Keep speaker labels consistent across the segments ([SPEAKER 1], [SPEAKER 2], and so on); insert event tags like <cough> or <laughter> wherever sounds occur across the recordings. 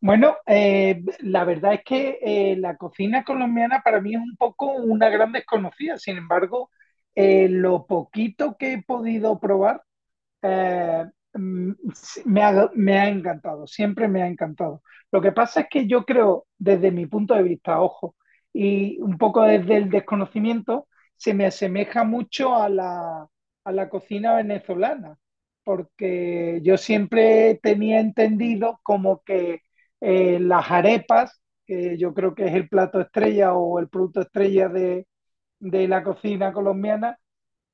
[SPEAKER 1] Bueno, la verdad es que la cocina colombiana para mí es un poco una gran desconocida. Sin embargo, lo poquito que he podido probar eh, sí, me ha encantado, siempre me ha encantado. Lo que pasa es que yo creo, desde mi punto de vista, ojo, y un poco desde el desconocimiento, se me asemeja mucho a la cocina venezolana, porque yo siempre tenía entendido como que las arepas, que yo creo que es el plato estrella o el producto estrella de la cocina colombiana,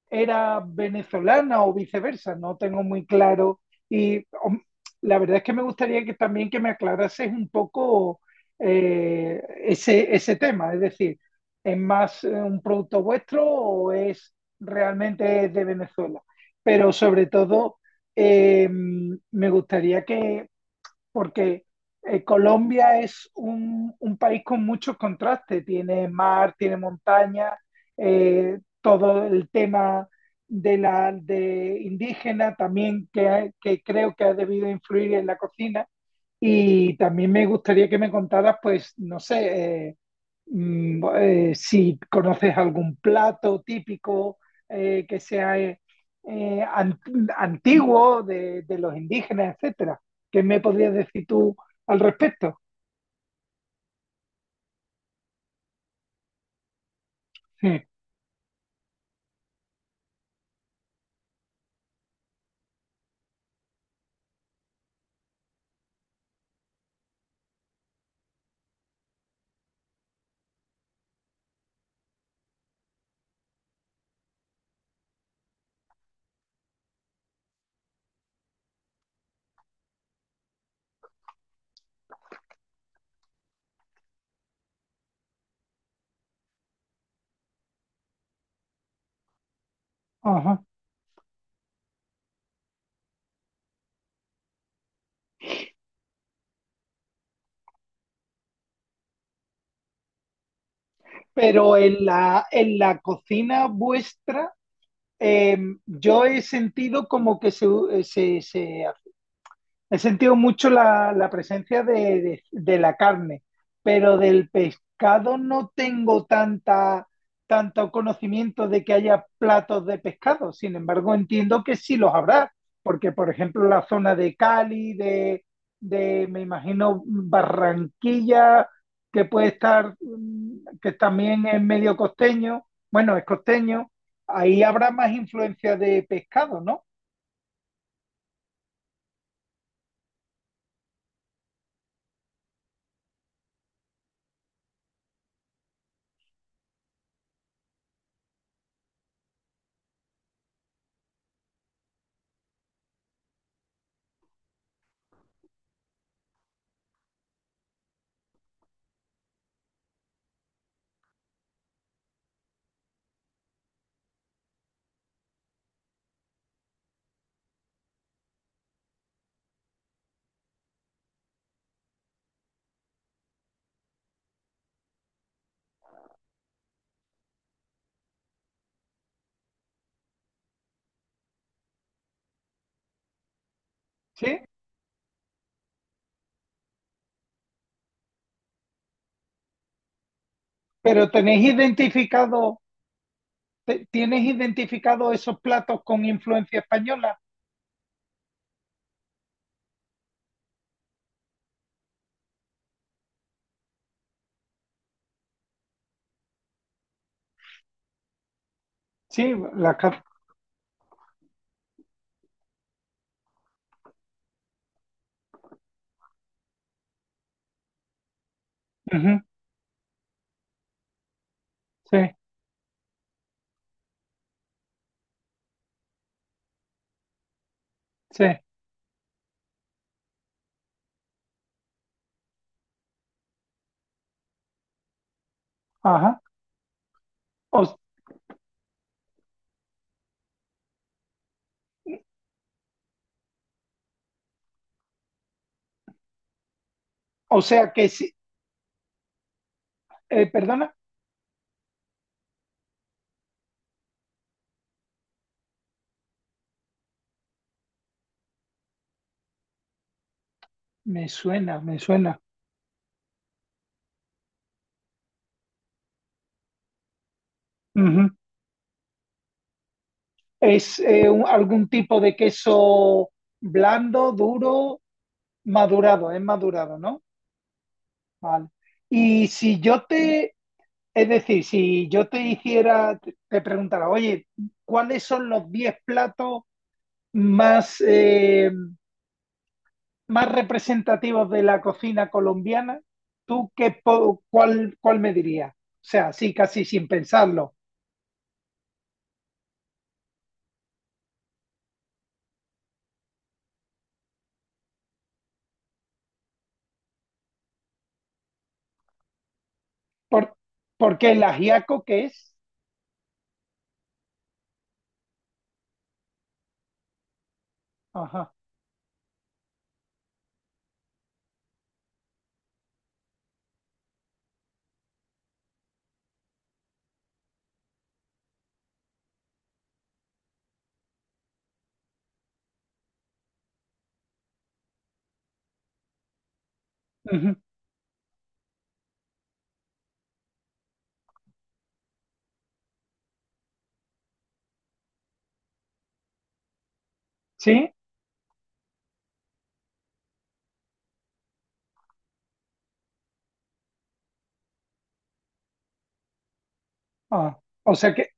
[SPEAKER 1] era venezolana o viceversa, no tengo muy claro. Y hom, la verdad es que me gustaría que también que me aclarases un poco ese tema, es decir, ¿es más un producto vuestro o es realmente de Venezuela? Pero sobre todo, me gustaría que porque Colombia es un país con muchos contrastes, tiene mar, tiene montaña, todo el tema de la de indígena también que, que creo que ha debido influir en la cocina. Y también me gustaría que me contaras, pues, no sé, si conoces algún plato típico que sea antiguo de los indígenas, etcétera. ¿Qué me podrías decir tú al respecto? Sí, ajá. Pero en la cocina vuestra, eh, yo he sentido como que se he sentido mucho la presencia de, de la carne, pero del pescado no tengo tanto conocimiento de que haya platos de pescado. Sin embargo, entiendo que sí los habrá, porque por ejemplo la zona de Cali, de me imagino Barranquilla, que puede estar, que también es medio costeño, bueno, es costeño, ahí habrá más influencia de pescado, ¿no? Sí, pero tenéis identificado... Tienes identificado esos platos con influencia española? Sí, la carta. Sí, sí, ajá. O, o sea que sí, perdona, me suena, me suena. Ujú. ¿Es algún tipo de queso blando, duro, madurado? Es madurado, ¿no? Vale. Y si yo te, es decir, si yo te hiciera, te preguntara, oye, ¿cuáles son los 10 platos más... más representativos de la cocina colombiana, ¿tú qué, cuál me dirías? O sea, sí, casi sin pensarlo. Por, porque el ajiaco que es. Ajá. Ujú. ¿Sí? Ah, o sea que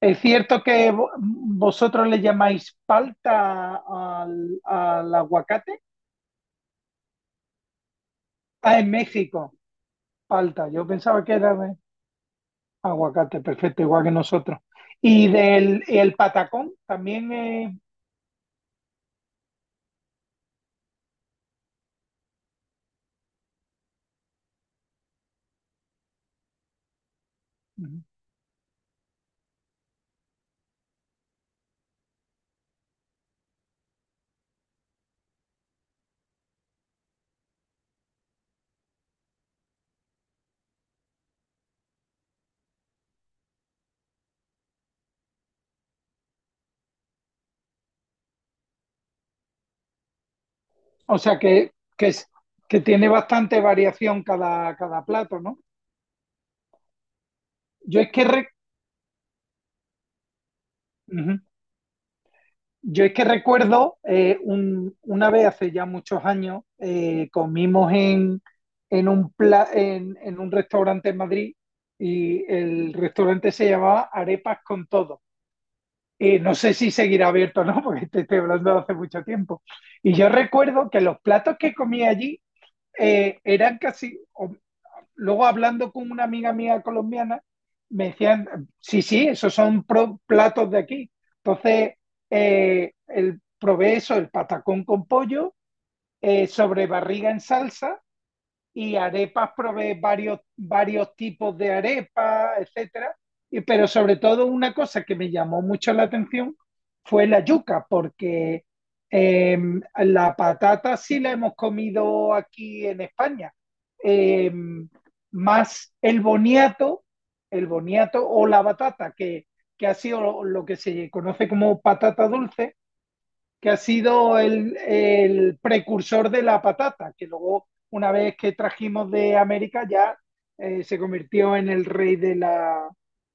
[SPEAKER 1] es cierto que vosotros le llamáis palta al aguacate. Ah, en México, palta. Yo pensaba que era de aguacate, perfecto, igual que nosotros. Y del y el patacón también es. O sea que, que, es- que tiene bastante variación cada plato, ¿no? Yo es que, re- Ujú. Yo es que recuerdo una vez hace ya muchos años, comimos en un restaurante en Madrid y el restaurante se llamaba Arepas con Todo. No sé si seguirá abierto o no, <laughs> porque te estoy hablando de hace mucho tiempo. Y yo recuerdo que los platos que comía allí eran casi, o luego hablando con una amiga mía colombiana, me decían, sí, sí, esos son platos de aquí. Entonces, probé eso, el patacón con pollo, sobre barriga en salsa, y arepas provee varios, varios tipos de arepas, etcétera. Y, pero sobre todo una cosa que me llamó mucho la atención fue la yuca, porque eh, la patata sí la hemos comido aquí en España. Eh, más el boniato o la batata, que ha sido lo que se conoce como patata dulce, que ha sido el precursor de la patata, que luego, una vez que trajimos de América, ya se convirtió en el rey de la,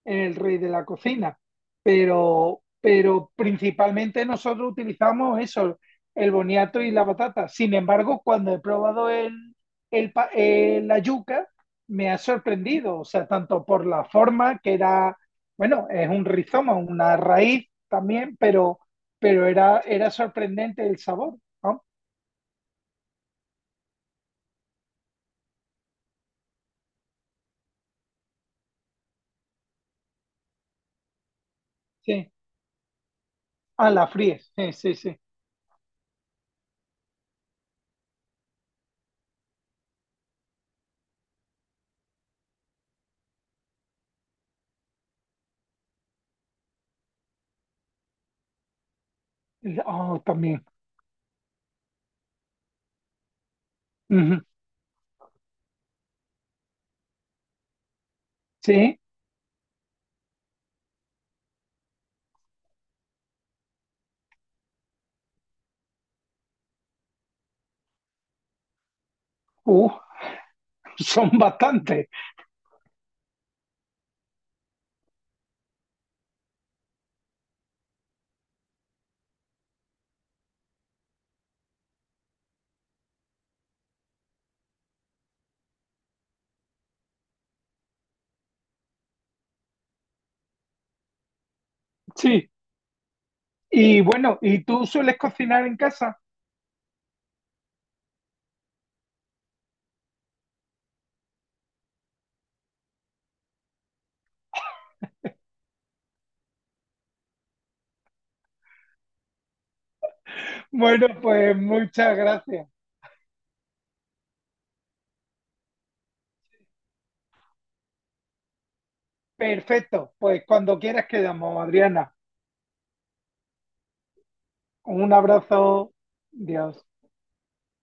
[SPEAKER 1] en el rey de la cocina. Pero principalmente nosotros utilizamos eso, el boniato y la patata. Sin embargo, cuando he probado la yuca, me ha sorprendido, o sea, tanto por la forma que era, bueno, es un rizoma, una raíz también, pero era, era sorprendente el sabor, ¿no? Sí. Ah, la fríes, sí, sí, sí. Oh, también. Ujú. Sí, uh, <laughs> son bastantes, sí. Y bueno, ¿y tú sueles cocinar en casa? Bueno, pues muchas gracias. Perfecto, pues cuando quieras quedamos, Adriana. Un abrazo, Dios.